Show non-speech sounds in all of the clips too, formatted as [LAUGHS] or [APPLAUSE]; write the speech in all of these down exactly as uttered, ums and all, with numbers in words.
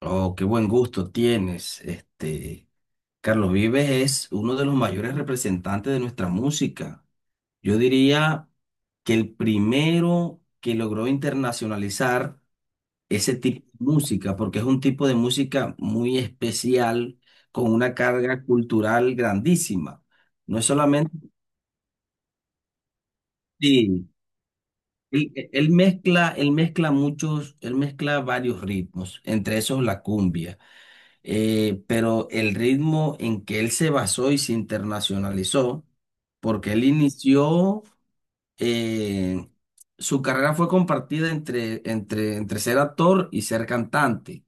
Oh, qué buen gusto tienes. Este, Carlos Vives es uno de los mayores representantes de nuestra música. Yo diría que el primero que logró internacionalizar ese tipo de música, porque es un tipo de música muy especial, con una carga cultural grandísima. No es solamente, sí, él, él mezcla, él mezcla muchos, él mezcla varios ritmos, entre esos la cumbia. Eh, pero el ritmo en que él se basó y se internacionalizó, porque él inició, eh, su carrera fue compartida entre, entre, entre ser actor y ser cantante.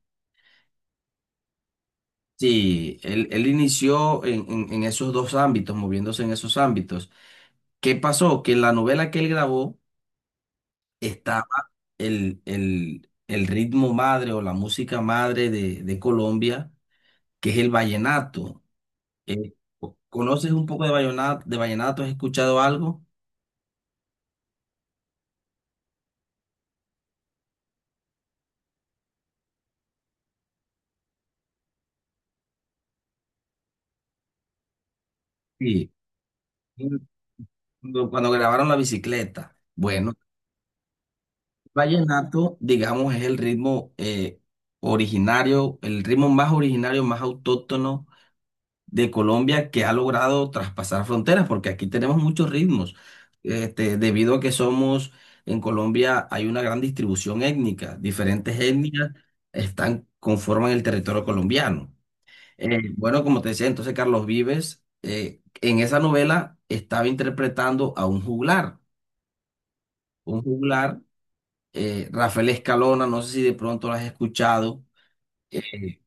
Sí, él, él inició en, en, en esos dos ámbitos, moviéndose en esos ámbitos. ¿Qué pasó? Que en la novela que él grabó estaba el, el, el ritmo madre o la música madre de, de Colombia, que es el vallenato. Eh, ¿Conoces un poco de vallenato, de vallenato? ¿Has escuchado algo? Sí. Cuando, cuando grabaron la bicicleta. Bueno, el vallenato, digamos, es el ritmo eh, originario, el ritmo más originario, más autóctono de Colombia que ha logrado traspasar fronteras, porque aquí tenemos muchos ritmos. Este, debido a que somos, en Colombia hay una gran distribución étnica, diferentes etnias están, conforman el territorio colombiano. Eh, bueno, como te decía, entonces Carlos Vives eh, en esa novela estaba interpretando a un juglar, un juglar, eh, Rafael Escalona, no sé si de pronto lo has escuchado. Eh,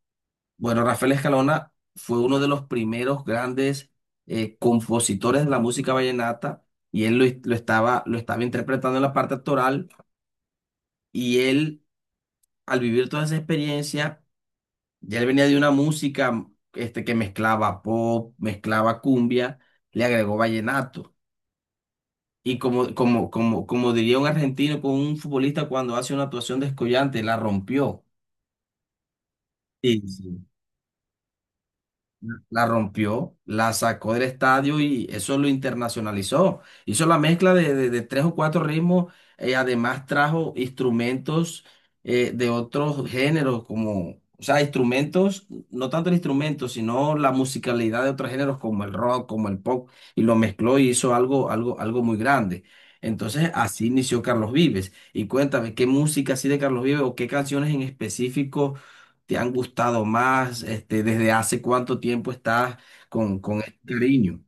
bueno, Rafael Escalona fue uno de los primeros grandes eh, compositores de la música vallenata y él lo, lo estaba, lo estaba interpretando en la parte actoral y él, al vivir toda esa experiencia, ya él venía de una música este, que mezclaba pop, mezclaba cumbia, le agregó vallenato. Y como, como, como, como diría un argentino con un futbolista cuando hace una actuación descollante, la rompió. Sí, sí. La rompió, la sacó del estadio y eso lo internacionalizó. Hizo la mezcla de, de- de tres o cuatro ritmos, eh, además trajo instrumentos eh, de otros géneros, como, o sea, instrumentos, no tanto el instrumento, sino la musicalidad de otros géneros como el rock, como el pop, y lo mezcló y hizo algo, algo, algo muy grande. Entonces, así inició Carlos Vives. Y cuéntame, ¿qué música así de Carlos Vives o qué canciones en específico te han gustado más? Este, ¿desde hace cuánto tiempo estás con, con este cariño?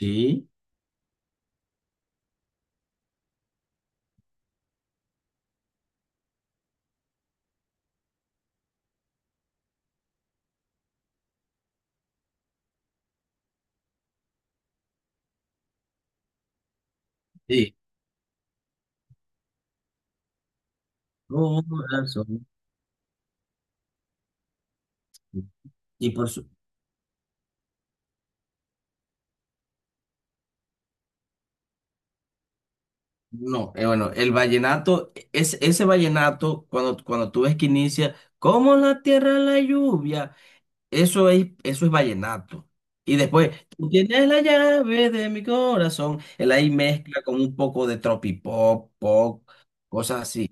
Sí, sí. No, razón. Y por su... No, eh, bueno, el vallenato, es, ese vallenato, cuando, cuando tú ves que inicia, como la tierra la lluvia, eso es, eso es vallenato. Y después, tú tienes la llave de mi corazón, él ahí mezcla con un poco de tropipop, pop, cosas así.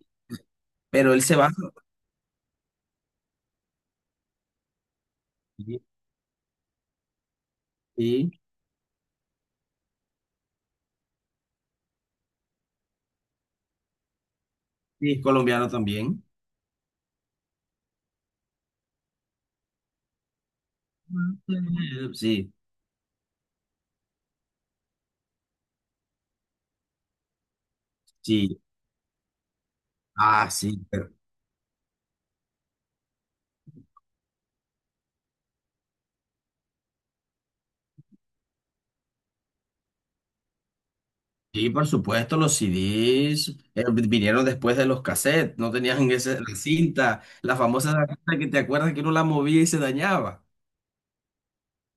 Pero él se va... Sí, sí, sí, es colombiano también. Mm, sí, sí. Ah, sí, pero... Sí, por supuesto, los C Ds eh, vinieron después de los cassettes, no tenían ese, la cinta, la famosa cinta que te acuerdas que uno la movía y se dañaba.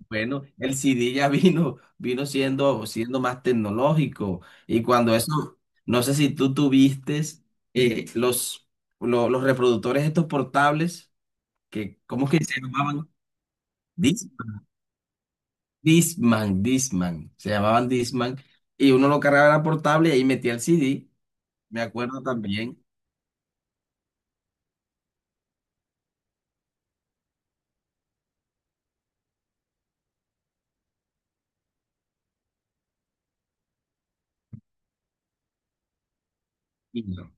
Bueno, el C D ya [LAUGHS] vino, vino siendo, siendo más tecnológico. Y cuando eso, no sé si tú tuviste eh, los, lo- los reproductores estos portables, que, ¿cómo es que se llamaban? Discman, Discman, se llamaban Discman, y uno lo cargaba en la portable y ahí metía el C D, me acuerdo también. Y no,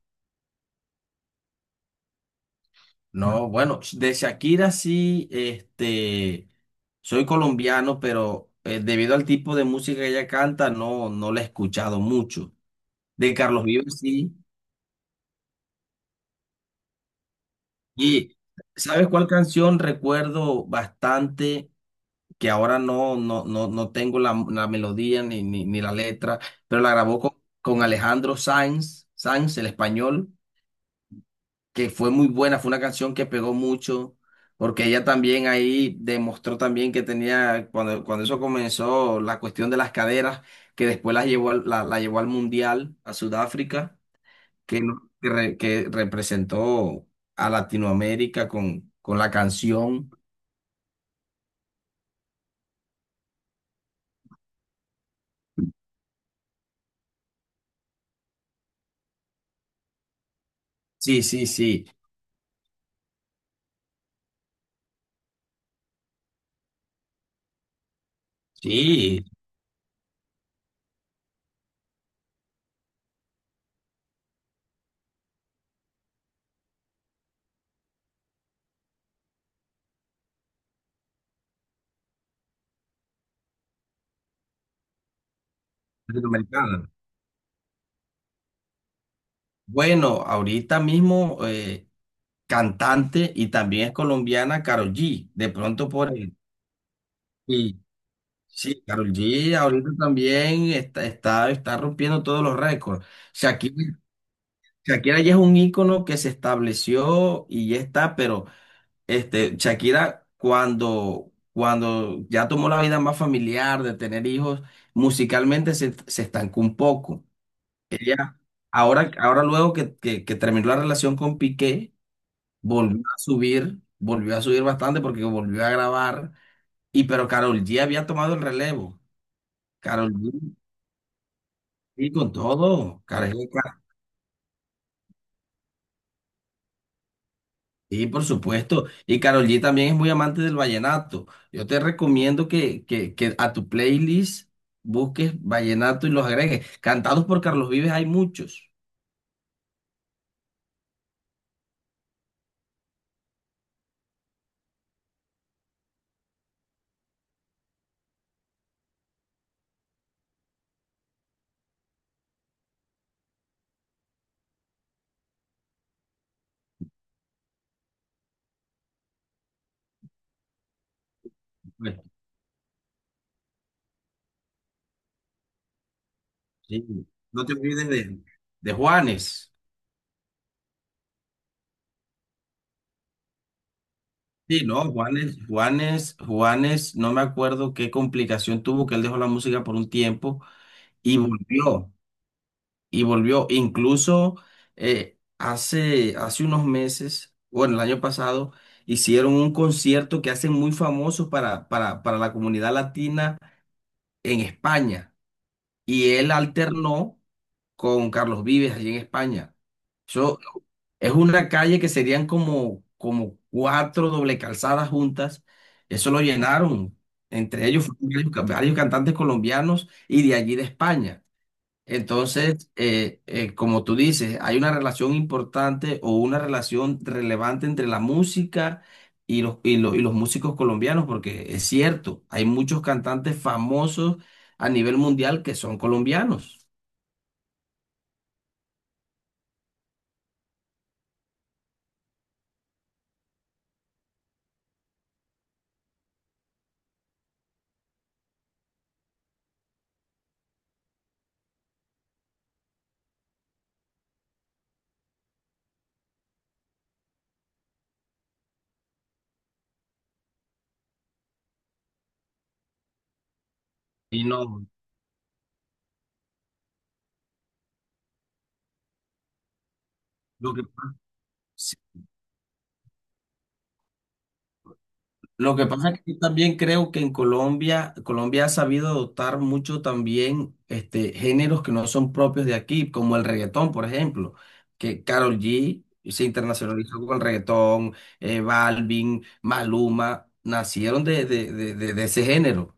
no, bueno, de Shakira sí, este, soy colombiano, pero eh, debido al tipo de música que ella canta, no, no la he escuchado mucho. De Carlos Vives sí, y ¿sabes cuál canción recuerdo bastante? Que ahora no, no, no, no tengo la, la melodía ni, ni, ni la letra, pero la grabó con, con Alejandro Sanz, Sanz, el español, que fue muy buena, fue una canción que pegó mucho, porque ella también ahí demostró también que tenía, cuando, cuando eso comenzó, la cuestión de las caderas, que después las llevó al- la, la llevó al Mundial, a Sudáfrica, que, no- que, re- que representó a Latinoamérica con, con la canción. Sí, sí, sí, sí, latinoamericana. Bueno, ahorita mismo eh, cantante y también es colombiana Karol G. De pronto por el... Sí, sí, Karol G ahorita también está, está, está rompiendo todos los récords. Shakira, Shakira ya es un ícono que se estableció y ya está, pero este, Shakira cuando, cuando ya tomó la vida más familiar de tener hijos, musicalmente se, se estancó un poco. Ella, ahora, ahora luego que, que que terminó la relación con Piqué, volvió a subir, volvió a subir bastante porque volvió a grabar. Y pero Karol G había tomado el relevo. Karol G, sí, con todo. Karol G, ca- sí, por supuesto. Y Karol G también es muy amante del vallenato. Yo te recomiendo que, que, que a tu playlist busques vallenato y los agregues. Cantados por Carlos Vives hay muchos. Bueno, sí. No te olvides de, de Juanes. Sí, no, Juanes, Juanes, Juanes, no me acuerdo qué complicación tuvo que él dejó la música por un tiempo, y volvió, y volvió. Incluso eh, hace, hace unos meses, bueno, el año pasado, hicieron un concierto que hacen muy famoso para, para, para la comunidad latina en España. Y él alternó con Carlos Vives allí en España. Eso es una calle que serían como, como cuatro doble calzadas juntas. Eso lo llenaron. Entre ellos fueron varios, ca- varios cantantes colombianos y de allí de España. Entonces, eh, eh, como tú dices, hay una relación importante o una relación relevante entre la música y los, y lo- y los músicos colombianos, porque es cierto, hay muchos cantantes famosos a nivel mundial que son colombianos. Y no, lo que... Lo que pasa es que yo también creo que en Colombia, Colombia ha sabido adoptar mucho también este, géneros que no son propios de aquí, como el reggaetón, por ejemplo, que Karol G se internacionalizó con el reggaetón, eh, Balvin, Maluma, nacieron de, de, de, de- de ese género.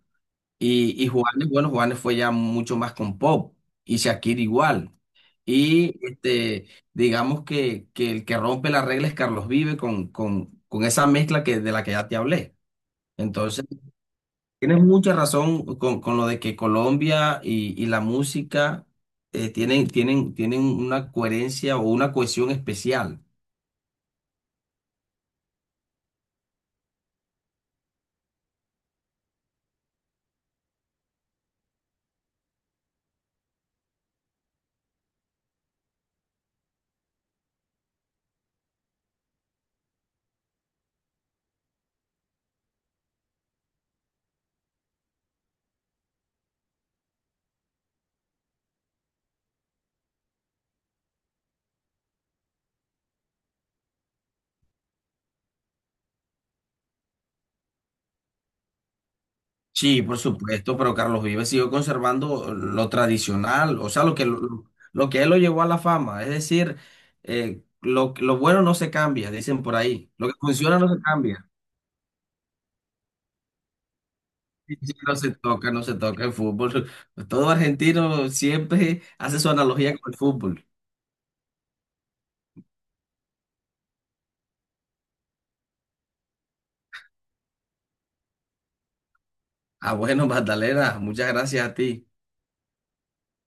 Y, y Juanes, bueno, Juanes fue ya mucho más con pop, y Shakira igual. Y este, digamos que, que el que rompe las reglas es Carlos Vive con, con, con esa mezcla que, de la que ya te hablé. Entonces, tienes mucha razón con, con lo de que Colombia y, y la música eh, tienen, tienen, tienen una coherencia o una cohesión especial. Sí, por supuesto, pero Carlos Vives siguió conservando lo tradicional, o sea, lo que, lo, lo que él lo llevó a la fama. Es decir, eh, lo, lo bueno no se cambia, dicen por ahí. Lo que funciona no se cambia. Sí, sí, no se toca, no se toca el fútbol. [LAUGHS] Todo argentino siempre hace su analogía con el fútbol. Ah, bueno, [LAUGHS] Magdalena, muchas gracias a ti.